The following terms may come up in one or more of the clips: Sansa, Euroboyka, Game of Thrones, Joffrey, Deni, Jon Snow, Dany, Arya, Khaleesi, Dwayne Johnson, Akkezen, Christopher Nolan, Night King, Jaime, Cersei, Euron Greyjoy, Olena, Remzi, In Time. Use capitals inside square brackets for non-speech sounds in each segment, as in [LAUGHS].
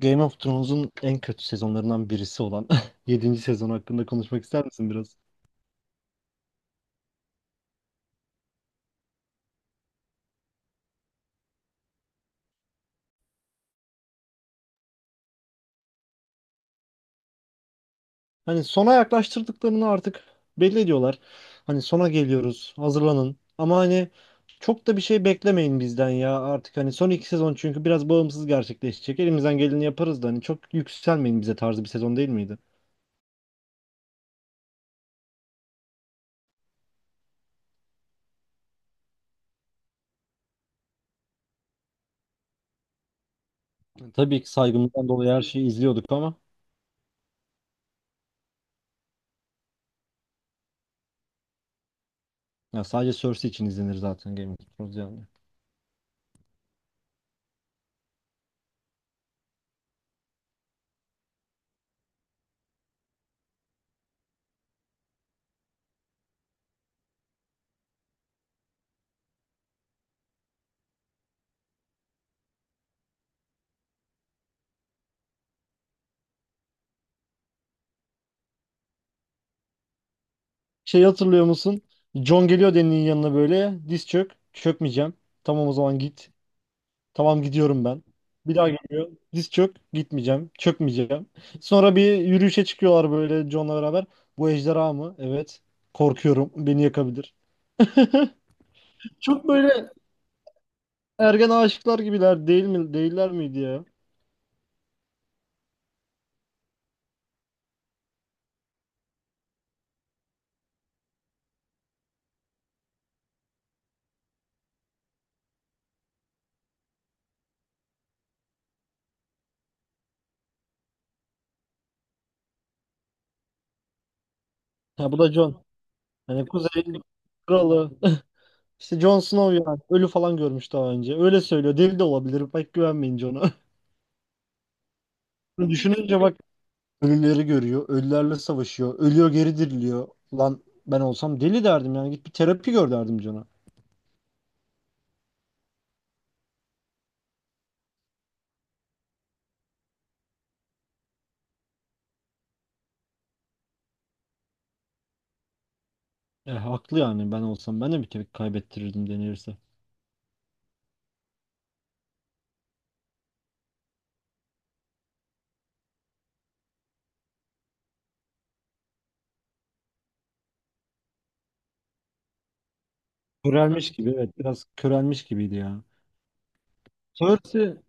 Game of Thrones'un en kötü sezonlarından birisi olan [LAUGHS] yedinci sezon hakkında konuşmak ister misin biraz? Hani sona yaklaştırdıklarını artık belli ediyorlar. Hani sona geliyoruz, hazırlanın. Ama hani çok da bir şey beklemeyin bizden ya, artık hani son iki sezon çünkü biraz bağımsız gerçekleşecek. Elimizden geleni yaparız da hani çok yükselmeyin bize tarzı bir sezon değil miydi? Tabii ki saygımızdan dolayı her şeyi izliyorduk ama ya sadece Cersei için izlenir zaten Game of Thrones yani. Şey, hatırlıyor musun? John geliyor Deni'nin yanına böyle. Diz çök. Çökmeyeceğim. Tamam, o zaman git. Tamam, gidiyorum ben. Bir daha geliyor. Diz çök. Gitmeyeceğim. Çökmeyeceğim. Sonra bir yürüyüşe çıkıyorlar böyle John'la beraber. Bu ejderha mı? Evet. Korkuyorum. Beni yakabilir. Çok böyle ergen aşıklar gibiler değil mi? Değiller miydi ya? Ha, bu da John. Hani Kuzey kralı. [LAUGHS] İşte Jon Snow yani. Ölü falan görmüş daha önce. Öyle söylüyor. Deli de olabilir. Pek güvenmeyin Jon'a. [LAUGHS] Düşününce bak, ölüleri görüyor. Ölülerle savaşıyor. Ölüyor, geri diriliyor. Lan ben olsam deli derdim yani. Git bir terapi gör derdim cana. E, haklı yani, ben olsam ben de bir tepki kaybettirirdim denirse. Körelmiş gibi, evet, biraz körelmiş gibiydi ya. Cersei,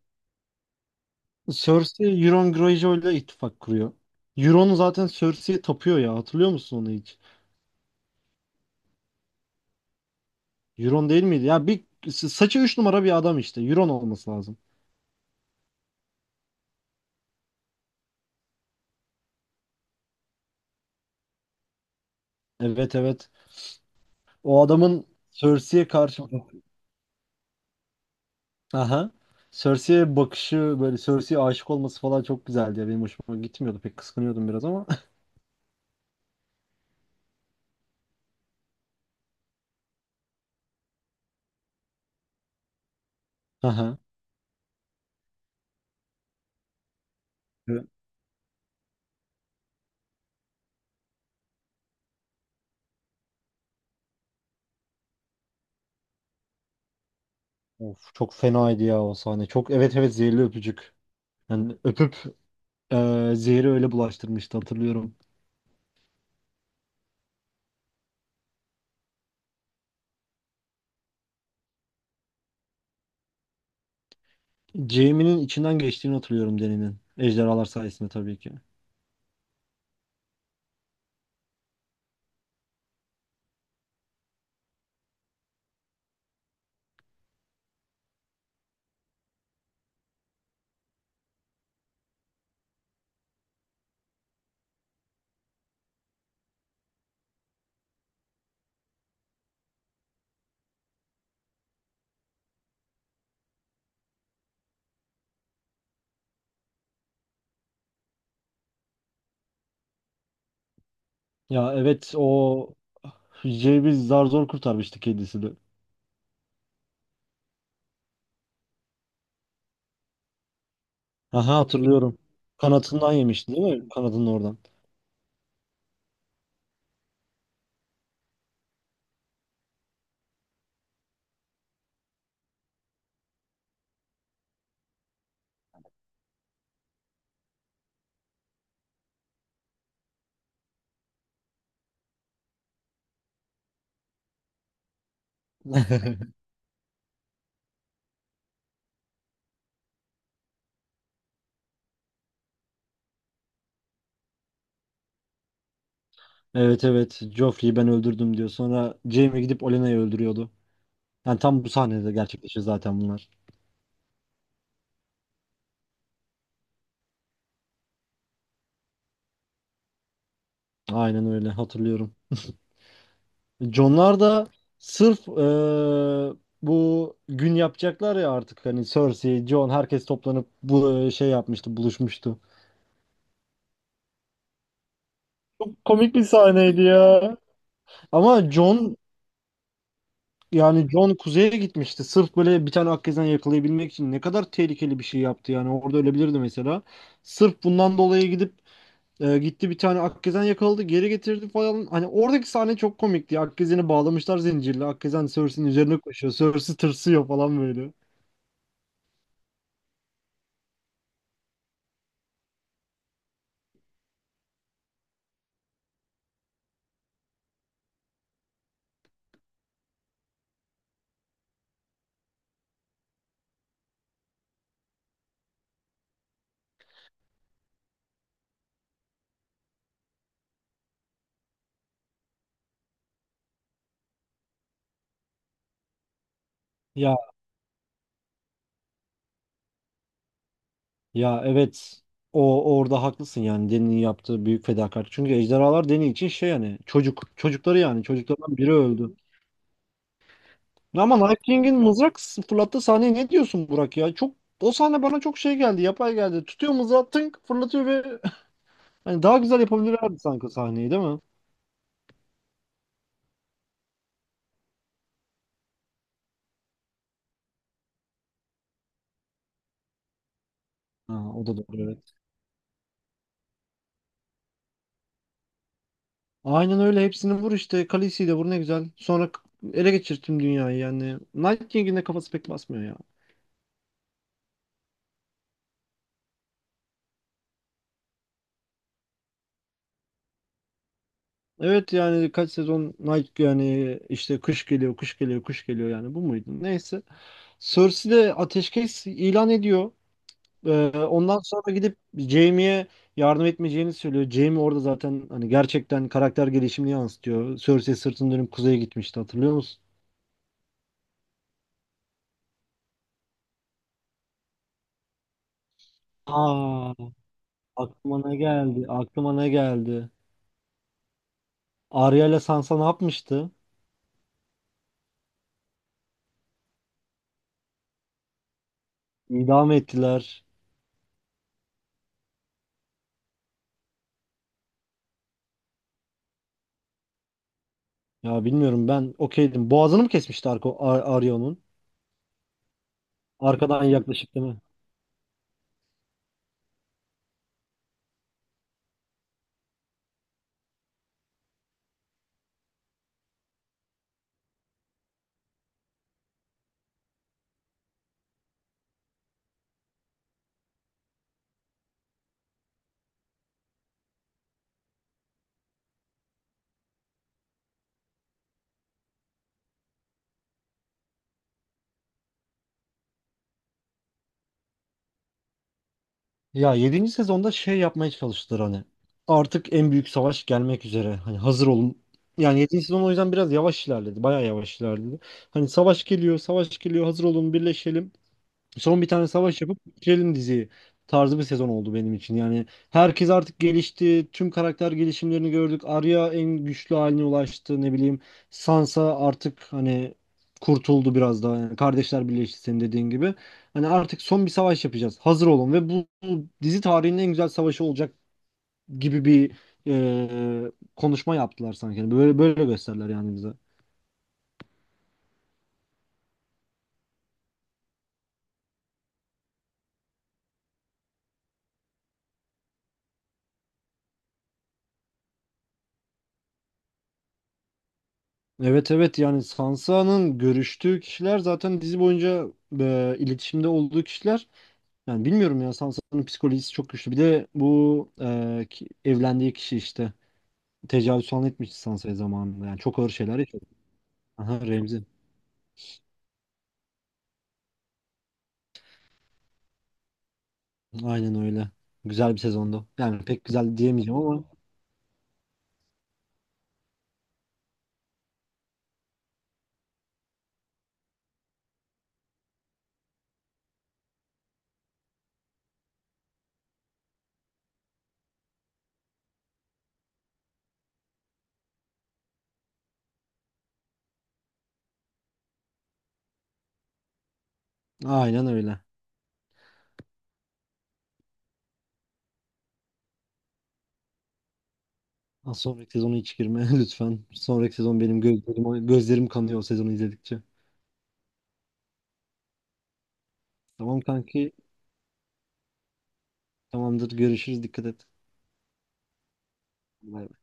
Cersei Euron Greyjoy ile ittifak kuruyor. Euron zaten Cersei'ye tapıyor ya, hatırlıyor musun onu hiç? Euron değil miydi? Ya bir saçı 3 numara bir adam işte. Euron olması lazım. Evet, evet. O adamın Cersei'ye karşı aha, Cersei'ye bakışı böyle, Cersei'ye aşık olması falan çok güzeldi ya. Benim hoşuma gitmiyordu. Pek kıskanıyordum biraz ama. [LAUGHS] Aha. Evet. Of, çok fenaydı ya o sahne. Çok, evet evet, zehirli öpücük. Yani öpüp zehri öyle bulaştırmıştı, hatırlıyorum. Jaime'nin içinden geçtiğini hatırlıyorum, Dany'nin. Ejderhalar sayesinde tabii ki. Ya evet, o Jaime'i zar zor kurtarmıştı kedisi de. Aha, hatırlıyorum. Kanatından yemişti değil mi? Kanadının oradan. [LAUGHS] Evet, evet. Joffrey'i ben öldürdüm diyor. Sonra Jaime gidip Olena'yı öldürüyordu. Yani tam bu sahnede gerçekleşiyor zaten bunlar. Aynen öyle hatırlıyorum. Jonlar da sırf bu gün yapacaklar ya artık, hani Cersei, Jon, herkes toplanıp bu şey yapmıştı, buluşmuştu. Çok komik bir sahneydi ya. Ama Jon, yani Jon kuzeye gitmişti. Sırf böyle bir tane Akkezen yakalayabilmek için ne kadar tehlikeli bir şey yaptı yani. Orada ölebilirdi mesela. Sırf bundan dolayı gidip gitti, bir tane Akkezen yakaladı, geri getirdi falan. Hani oradaki sahne çok komikti. Akkezen'i bağlamışlar zincirle. Akkezen Cersei'nin üzerine koşuyor. Cersei tırsıyor falan böyle. Ya, ya evet. O orada haklısın, yani Dany'nin yaptığı büyük fedakarlık. Çünkü ejderhalar Dany için şey yani, çocukları yani, çocuklardan biri öldü. Ama Night King'in mızrak fırlattığı sahneye ne diyorsun Burak ya? Çok, o sahne bana çok şey geldi, yapay geldi. Tutuyor mızrağı, tınk fırlatıyor ve [LAUGHS] hani daha güzel yapabilirlerdi sanki sahneyi değil mi? Ha, o da doğru. Aynen öyle, hepsini vur işte. Khaleesi'yi de vur, ne güzel. Sonra ele geçirttim dünyayı yani. Night King'in de kafası pek basmıyor ya. Evet, yani kaç sezon Night, yani işte kış geliyor, kış geliyor, kış geliyor, yani bu muydu? Neyse. Cersei de ateşkes ilan ediyor. Ondan sonra gidip Jaime'ye yardım etmeyeceğini söylüyor. Jaime orada zaten hani gerçekten karakter gelişimini yansıtıyor. Cersei sırtını dönüp kuzeye gitmişti, hatırlıyor musun? Aa, aklıma ne geldi? Aklıma ne geldi? Arya ile Sansa ne yapmıştı? İdam ettiler. Ya, bilmiyorum, ben okeydim. Boğazını mı kesmişti, Arko, Ar Arya'nın? Arkadan yaklaşıp değil mi? Ya, yedinci sezonda şey yapmaya çalıştılar hani. Artık en büyük savaş gelmek üzere. Hani hazır olun. Yani yedinci sezon o yüzden biraz yavaş ilerledi. Bayağı yavaş ilerledi. Hani savaş geliyor, savaş geliyor, hazır olun, birleşelim. Son bir tane savaş yapıp bitirelim diziyi tarzı bir sezon oldu benim için. Yani herkes artık gelişti. Tüm karakter gelişimlerini gördük. Arya en güçlü haline ulaştı. Ne bileyim, Sansa artık hani kurtuldu biraz daha. Yani kardeşler birleşti senin dediğin gibi. Hani artık son bir savaş yapacağız. Hazır olun ve bu bu dizi tarihinin en güzel savaşı olacak gibi bir konuşma yaptılar sanki. Yani böyle böyle gösterdiler yani bize. Evet evet, yani Sansa'nın görüştüğü kişiler zaten dizi boyunca iletişimde olduğu kişiler. Yani bilmiyorum ya, Sansa'nın psikolojisi çok güçlü. Bir de bu evlendiği kişi işte tecavüz falan etmiş Sansa'ya zamanında. Yani çok ağır şeyler yaşadı. Aha, Remzi. Aynen öyle. Güzel bir sezondu. Yani pek güzel diyemeyeceğim ama aynen öyle. Ha, sonraki sezonu hiç girme [LAUGHS] lütfen. Sonraki sezon benim gözlerim kanıyor o sezonu izledikçe. Tamam kanki. Tamamdır. Görüşürüz. Dikkat et. Bay bay.